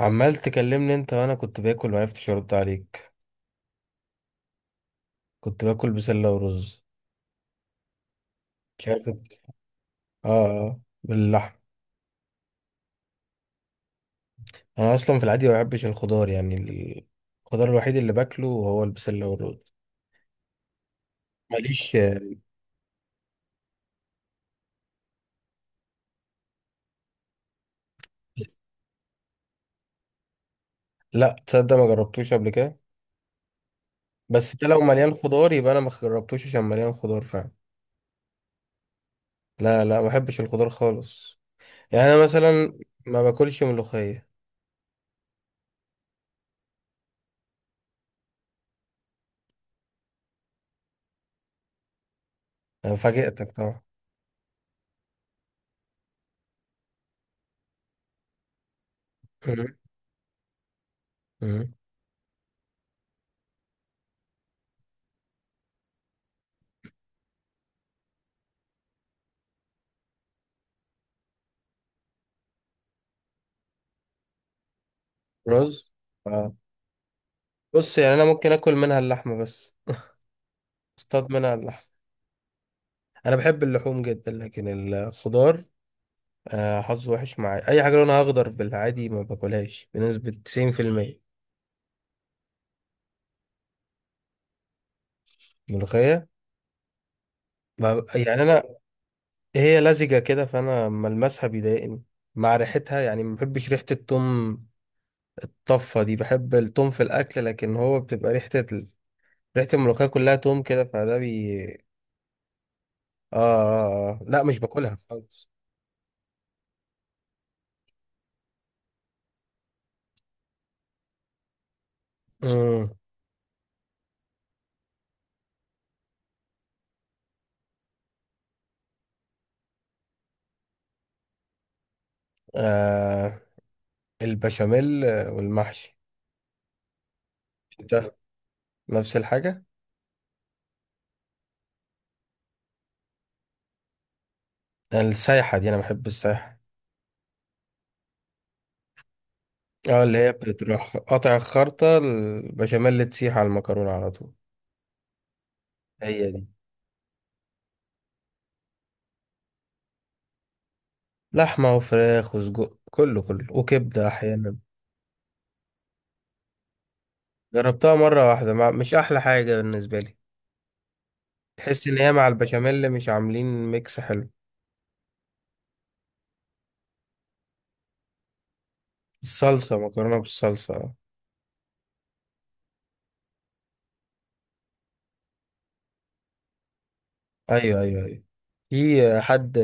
عمال تكلمني انت وانا كنت باكل ما عرفتش ارد عليك. كنت باكل بسله ورز. مش عارف اه. اه باللحم. انا اصلا في العادي ما بحبش الخضار الخضار الوحيد اللي باكله هو البسله والرز. ماليش. لا تصدق ما جربتوش قبل كده. بس ده لو مليان خضار يبقى انا ما جربتوش عشان مليان خضار فعلا. لا لا ما بحبش الخضار خالص. يعني انا مثلا ما باكلش ملوخيه. انا فاجئتك طبعا. مم. مم. رز. آه. بص يعني انا ممكن اكل منها اللحمه بس، اصطاد منها اللحم. انا بحب اللحوم جدا لكن الخضار، آه، حظه وحش معايا. اي حاجه لونها اخضر بالعادي ما باكلهاش بنسبه 90%. ملوخيه. يعني انا هي لزجه كده فانا ما المسها بيضايقني، مع ريحتها. يعني ما بحبش ريحه التوم الطفه دي، بحب التوم في الاكل لكن هو بتبقى ريحه ال... ريحه الملوخيه كلها توم كده فده بي. لا مش باكلها خالص. امم. آه، البشاميل والمحشي. ده نفس الحاجه. السايحة، دي أنا بحب السايحة. اه اللي هي بتروح قاطع الخرطة، البشاميل تسيح على المكرونة على طول. هي دي. لحمة وفراخ وسجق كله كله وكبدة أحيانا. جربتها مرة واحدة، مع... مش أحلى حاجة بالنسبة لي. تحس إن هي مع البشاميل مش عاملين ميكس حلو. الصلصة، مكرونة بالصلصة اه. أيوه أيوه أيوه. في حد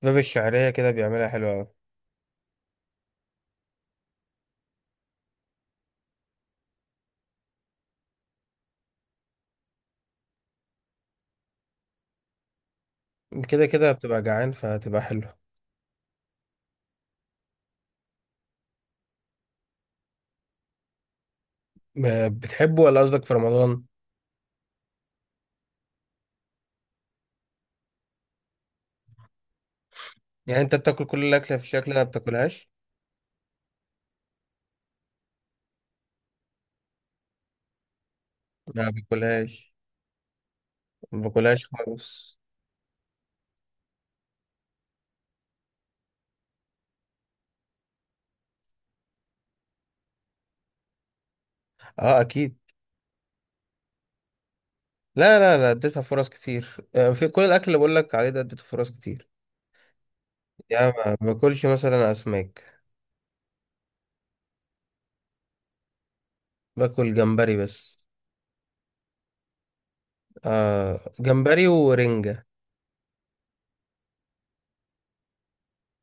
في باب الشعرية كده بيعملها حلوة أوي. كده كده بتبقى جعان فهتبقى حلوة. بتحبه ولا قصدك في رمضان؟ يعني أنت بتاكل كل الأكلة في الشكل ده ما بتاكلهاش؟ لا ما باكلهاش. ما باكلهاش خالص. اه اكيد. لا لا لا اديتها فرص كتير. آه، في كل الاكل اللي بقول لك عليه ده اديته فرص كتير. يعني ما باكلش مثلا اسماك. باكل جمبري بس. آه جمبري ورنجة.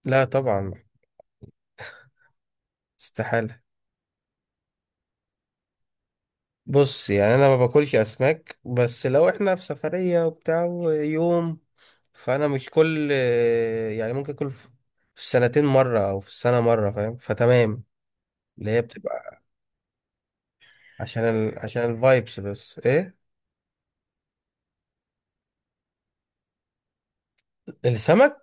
لا طبعا. استحالة. بص يعني انا ما باكلش اسماك، بس لو احنا في سفرية وبتاع يوم، فانا مش كل، يعني ممكن اكل في في السنتين مرة او في السنة مرة، فاهم؟ فتمام. اللي هي بتبقى عشان ال... عشان الفايبس بس ايه. السمك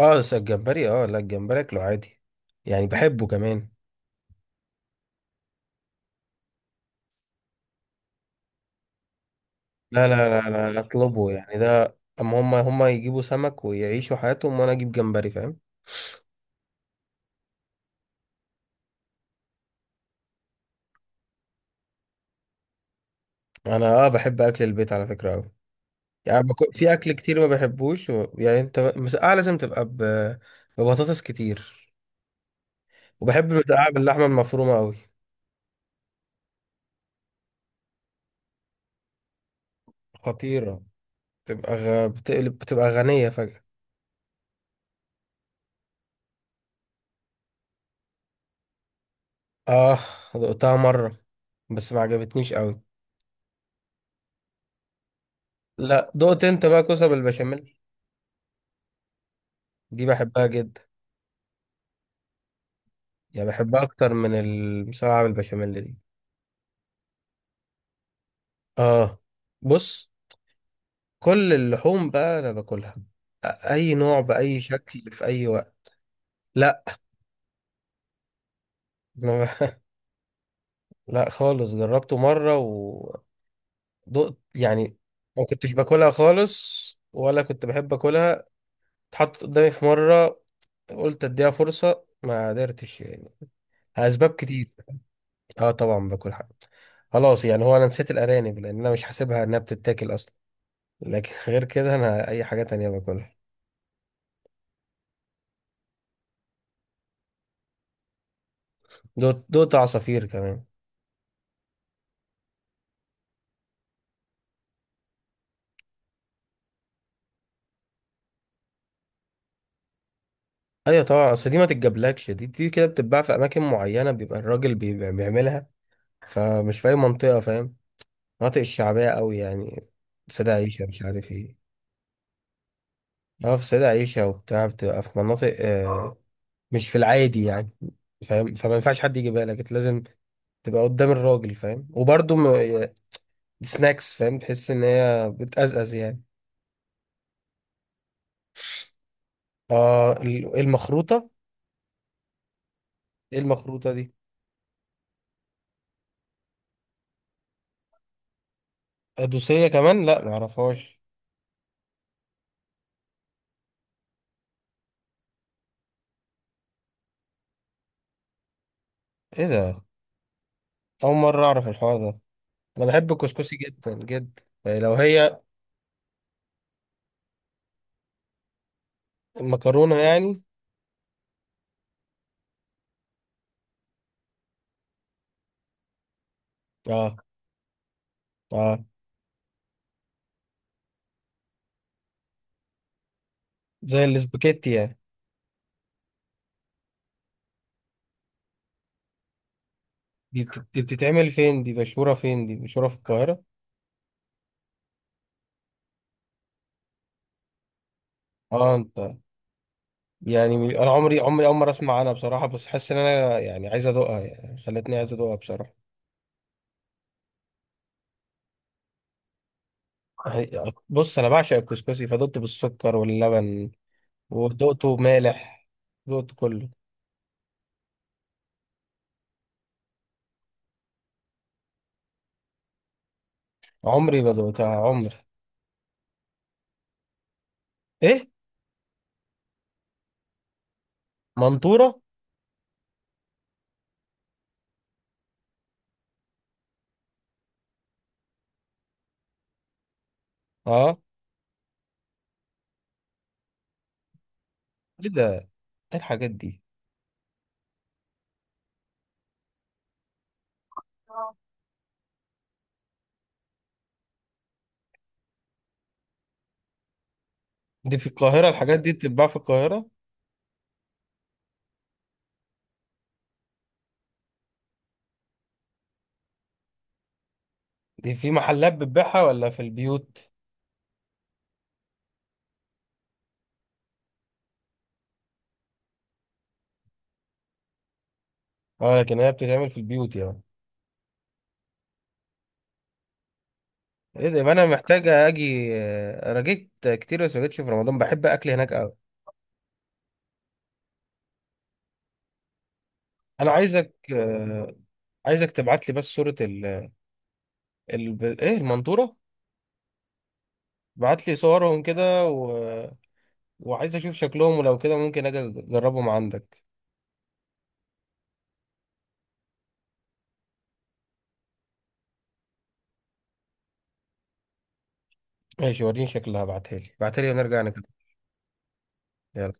اه، بس الجمبري اه، لا الجمبري اكله عادي يعني، بحبه كمان. لا اطلبه يعني ده، اما هم يجيبوا سمك ويعيشوا حياتهم وانا اجيب جمبري، فاهم. انا اه بحب اكل البيت على فكرة قوي. في اكل كتير ما بحبوش و... يعني انت مسقعة لازم تبقى ب... ببطاطس كتير. وبحب المسقعة باللحمة المفرومة قوي. خطيرة، بتبقى غ... بتقلب بتبقى غنية فجأة. اه دقتها مرة بس ما عجبتنيش قوي. لا دقت انت بقى كوسه بالبشاميل؟ دي بحبها جدا. يعني بحبها اكتر من المسقعه بالبشاميل دي. اه بص، كل اللحوم بقى انا باكلها، اي نوع باي شكل في اي وقت. لا. ما لا خالص، جربته مره ودقت يعني. ما كنتش باكلها خالص ولا كنت بحب اكلها، اتحطت قدامي في مره، قلت اديها فرصه ما قدرتش يعني. اسباب كتير. اه طبعا باكل حاجة. خلاص يعني، هو انا نسيت الارانب لان انا مش حاسبها انها بتتاكل اصلا، لكن غير كده انا اي حاجة تانية باكلها. دوت دوت عصافير كمان. ايوه طبعا، اصل دي ما تتجابلكش. دي كده بتتباع في اماكن معينة، بيبقى الراجل بيبقى بيعملها، فمش في اي منطقة، فاهم؟ مناطق الشعبية قوي يعني، سيدة عيشة مش عارف ايه. اه في سيدة عيشة وبتاع، بتبقى في مناطق، آه، مش في العادي يعني، فاهم. فما ينفعش حد يجيبها لك، إنت لازم تبقى قدام الراجل، فاهم. وبرضه سناكس، فاهم، تحس ان هي بتقزقز يعني. اه إيه المخروطه؟ ايه المخروطه دي؟ ادوسيه كمان، لا معرفهاش. ايه ده، اول مره اعرف الحوار ده. انا بحب الكسكسي جدا جدا، يعني لو هي مكرونه يعني. اه. اه زي الاسباجيتي يعني. دي بتتعمل فين؟ دي مشهوره فين؟ دي مشهوره في القاهره؟ اه انت، يعني انا عمري اول مره اسمع عنها بصراحه. بس حاسس ان انا يعني عايز ادوقها، يعني خلتني عايز ادوقها بصراحه. بص انا بعشق الكسكسي، فدقت بالسكر واللبن، ودقته مالح، دقته كله. عمري ما دقتها عمري. ايه منطورة؟ اه ايه ده، ايه الحاجات دي؟ دي في القاهرة، الحاجات دي بتتباع في القاهرة؟ دي في محلات بتبيعها ولا في البيوت؟ اه لكن هي بتتعمل في البيوت يعني؟ ايه ده، يبقى انا محتاج اجي. آه، انا جيت كتير بس ما جيتش في رمضان، بحب اكل هناك قوي. انا عايزك، آه، عايزك تبعت لي بس صورة ال... ال... ايه، المنطورة. بعت لي صورهم كده، و وعايز اشوف شكلهم، ولو كده ممكن اجي اجربهم عندك. ماشي وريني شكلها، ابعتها لي ابعتها لي ونرجع نكمل. يلا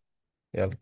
يلا.